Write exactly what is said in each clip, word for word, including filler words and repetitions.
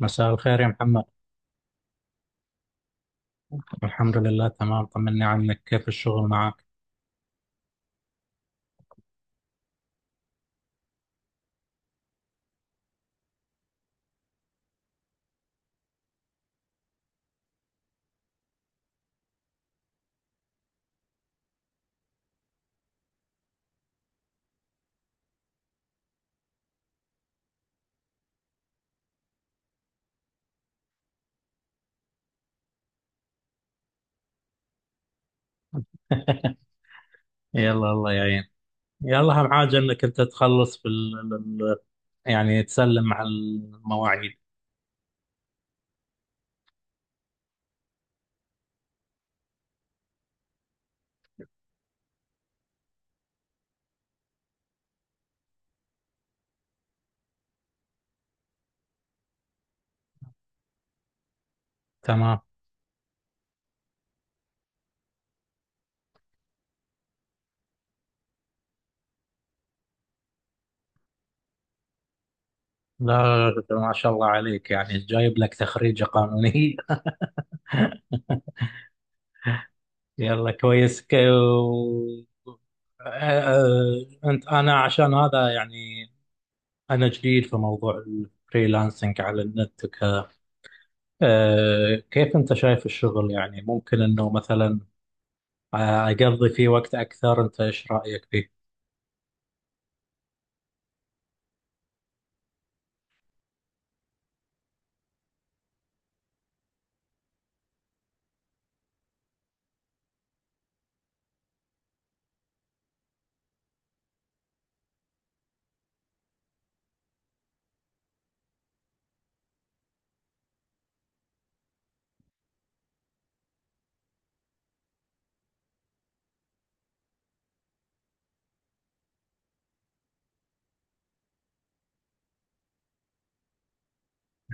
مساء الخير يا محمد. الحمد لله، تمام. طمني عنك، كيف الشغل معك؟ يلا، الله يعين. يلا، أهم حاجة إنك أنت تخلص في ال... ال- يعني تسلم على المواعيد. تمام. لا، ما شاء الله عليك، يعني جايب لك تخريجة قانونية. يلا، كويس. ك... و- آه، أنت أنا عشان هذا يعني أنا جديد في موضوع الفريلانسنج على النت وكذا. آه، كيف أنت شايف الشغل؟ يعني ممكن إنه مثلا آه، أقضي فيه وقت أكثر. أنت إيش رأيك فيه؟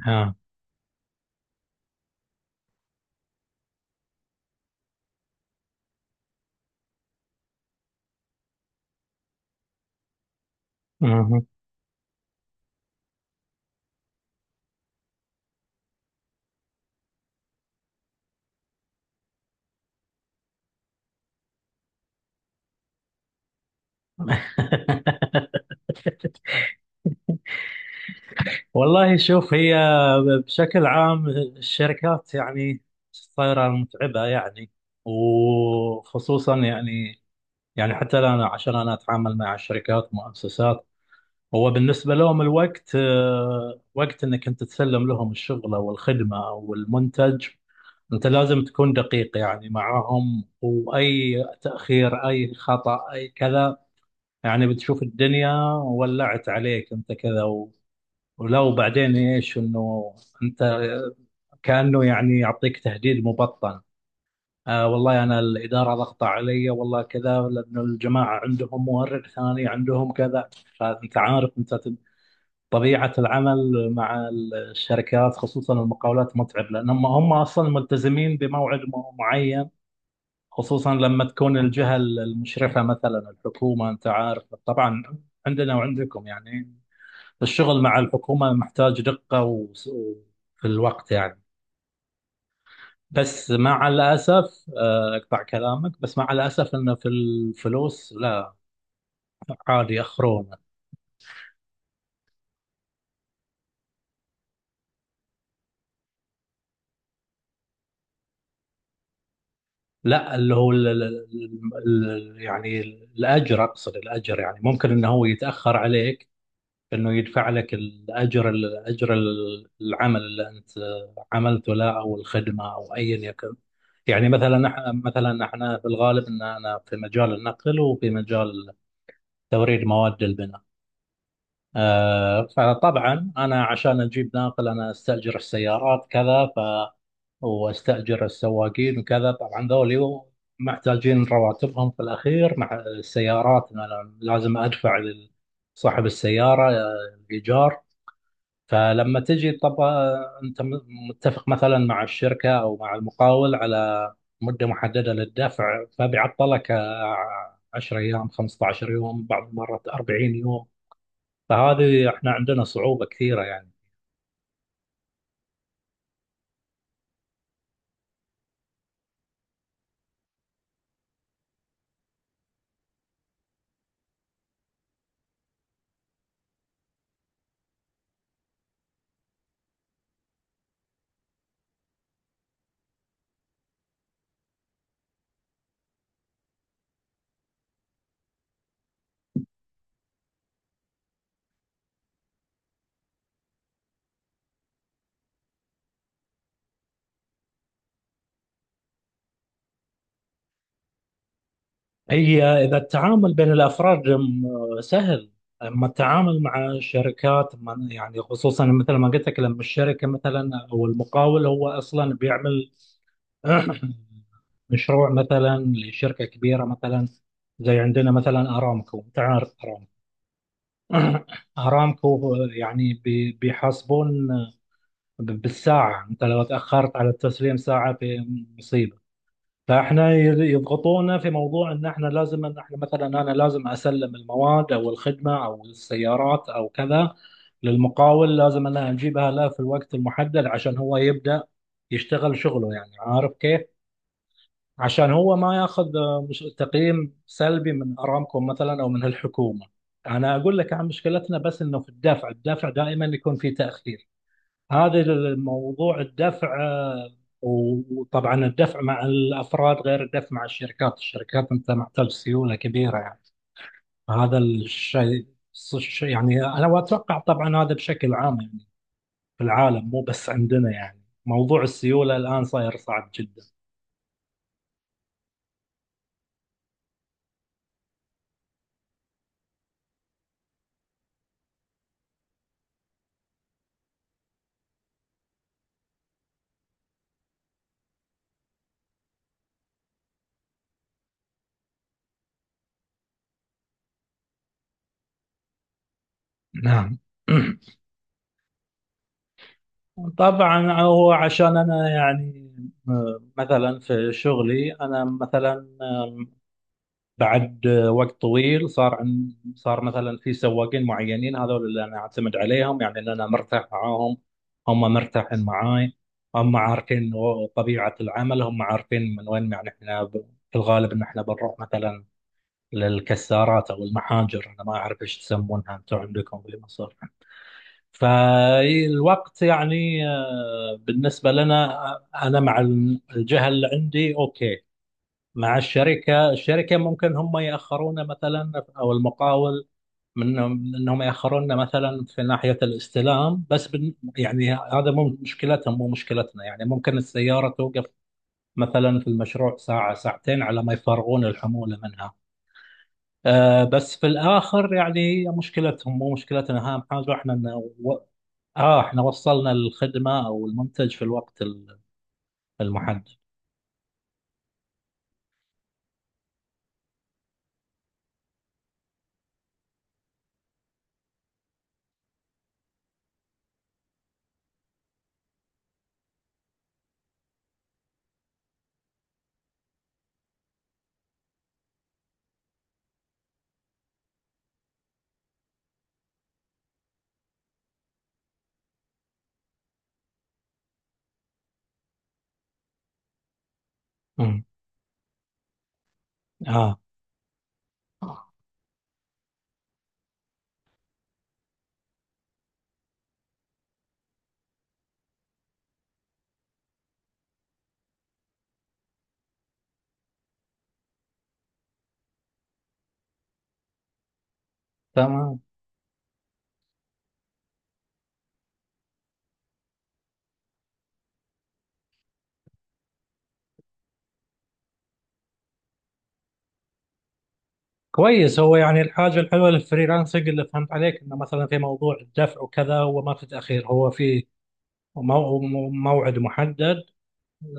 آه. مهم. والله، شوف، هي بشكل عام الشركات يعني صايرة متعبة، يعني وخصوصا يعني يعني حتى أنا، عشان أنا أتعامل مع شركات ومؤسسات، هو بالنسبة لهم الوقت، آه، وقت إنك أنت تسلم لهم الشغل أو الخدمة أو المنتج. أنت لازم تكون دقيق يعني معاهم، وأي تأخير أي خطأ أي كذا، يعني بتشوف الدنيا ولعت عليك، انت كذا و... ولو بعدين ايش انه انت كأنه يعني يعطيك تهديد مبطن. آه والله انا الاداره ضغط علي، والله كذا، لانه الجماعه عندهم مورد ثاني، عندهم كذا. فانت عارف، انت ت- طبيعه العمل مع الشركات، خصوصا المقاولات، متعب لانهم هم اصلا ملتزمين بموعد م- معين. خصوصا لما تكون الجهة المشرفة مثلا الحكومة، أنت عارف طبعا عندنا وعندكم، يعني الشغل مع الحكومة محتاج دقة و- وفي الوقت يعني. بس مع الأسف، آه، أقطع كلامك، بس مع الأسف أنه في الفلوس لا، عادي أخرونه. لا، اللي هو ال- ال- ال- ال- يعني الأجر، أقصد الأجر، يعني ممكن أنه هو يتأخر عليك، انه يدفع لك الاجر الاجر العمل اللي انت عملته له، او الخدمه، او ايا يكن. يعني مثلا احنا، مثلا احنا في الغالب، ان انا في مجال النقل وفي مجال توريد مواد البناء. آه، فطبعا انا عشان اجيب ناقل انا استاجر السيارات كذا، ف واستاجر السواقين وكذا. طبعا ذولي محتاجين رواتبهم في الاخير. مع السيارات، أنا لازم ادفع لصاحب السياره آه، الايجار. فلما تجي طبعا انت م- متفق مثلا مع الشركه او مع المقاول على مده محدده للدفع، فبيعطلك آه، عشر ايام، خمسة عشر يوم، بعض المرات أربعين يوم. فهذه احنا عندنا صعوبه كثيره يعني. هي اذا التعامل بين الافراد م- سهل، اما التعامل مع الشركات ما- يعني خصوصا مثل ما قلت لك، لما الشركه مثلا او المقاول هو اصلا بيعمل مشروع مثلا لشركة كبيرة، مثلا زي عندنا مثلا أرامكو. تعرف أرامكو؟ أرامكو يعني بي- بيحاسبون ب- بالساعة. أنت لو تأخرت على التسليم ساعة، في مصيبة. فإحنا ي- يضغطونا في موضوع إن إحنا لازم إن إحنا مثلا، أنا لازم أسلم المواد أو الخدمة أو السيارات أو كذا للمقاول. لازم أنا أجيبها له في الوقت المحدد، عشان هو يبدأ يشتغل شغله. يعني عارف كيف؟ عشان هو ما ياخذ آه، مش تقييم سلبي من ارامكو مثلا او من الحكومه. انا اقول لك عن مشكلتنا، بس انه في الدفع الدفع دائما يكون في تاخير. هذا الموضوع الدفع آه، وطبعا الدفع مع الافراد غير الدفع مع الشركات. الشركات انت محتاج سيوله كبيره، يعني هذا الشيء. الش- يعني انا، واتوقع طبعا هذا بشكل عام، يعني في العالم مو بس عندنا، يعني موضوع السيوله الان صاير صعب جدا. نعم. طبعا هو، عشان انا يعني، م- مثلا في شغلي، انا مثلا آم، بعد آه، وقت طويل، صار عن صار مثلا في سواقين معينين، هذول اللي انا اعتمد عليهم، يعني اللي انا مرتاح معاهم، هم مرتاحين معاي. هم عارفين و- طبيعة العمل، هم عارفين من وين، يعني احنا ب- في الغالب ان احنا بنروح مثلا للكسارات او المحاجر. انا ما اعرف ايش تسمونها انتم عندكم في مصر. فالوقت يعني، آه، بالنسبة لنا، آه، أنا مع ال- الجهة اللي عندي أوكي. مع الشركة الشركة ممكن هم يأخرونا مثلا، أو المقاول، من أنهم يأخرونا مثلا في ناحية الاستلام. بس بن يعني هذا مو مشكلتهم مو مشكلتنا، يعني ممكن السيارة توقف مثلا في المشروع ساعة، ساعتين، على ما يفرغون الحمولة منها. آه بس في الاخر يعني مشكلتهم مو مشكلتنا. اهم حاجه احنا، إن و... اه احنا وصلنا الخدمه او المنتج في الوقت ال- المحدد. امم. اه. تمام. كويس. هو يعني الحاجه الحلوه للفريلانسنج، اللي فهمت عليك، انه مثلا في موضوع الدفع وكذا، هو ما في تاخير، هو في مو... مو- موعد محدد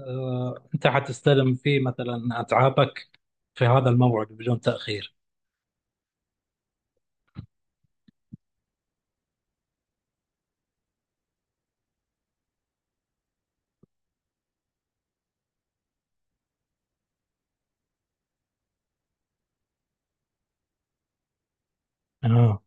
آه انت حتستلم فيه مثلا اتعابك في هذا الموعد بدون تاخير. اه،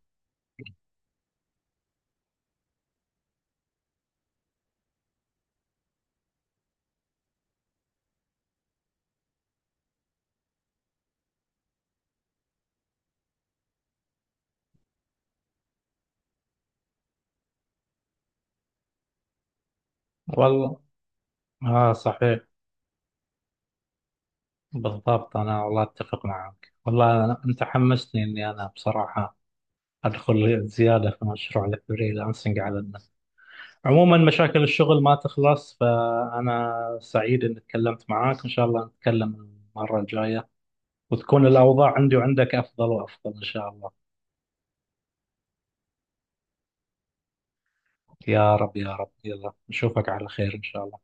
والله. اه، صحيح. بالضبط. أنا والله أتفق معك. والله أنا- أنت حمستني إني أنا بصراحة أدخل زيادة في مشروع الفريلانسنج على النت. عموما مشاكل الشغل ما تخلص، فأنا سعيد إني تكلمت معاك. إن شاء الله نتكلم المرة الجاية، وتكون الأوضاع عندي وعندك أفضل وأفضل إن شاء الله. يا رب، يا رب. يلا، نشوفك على خير إن شاء الله.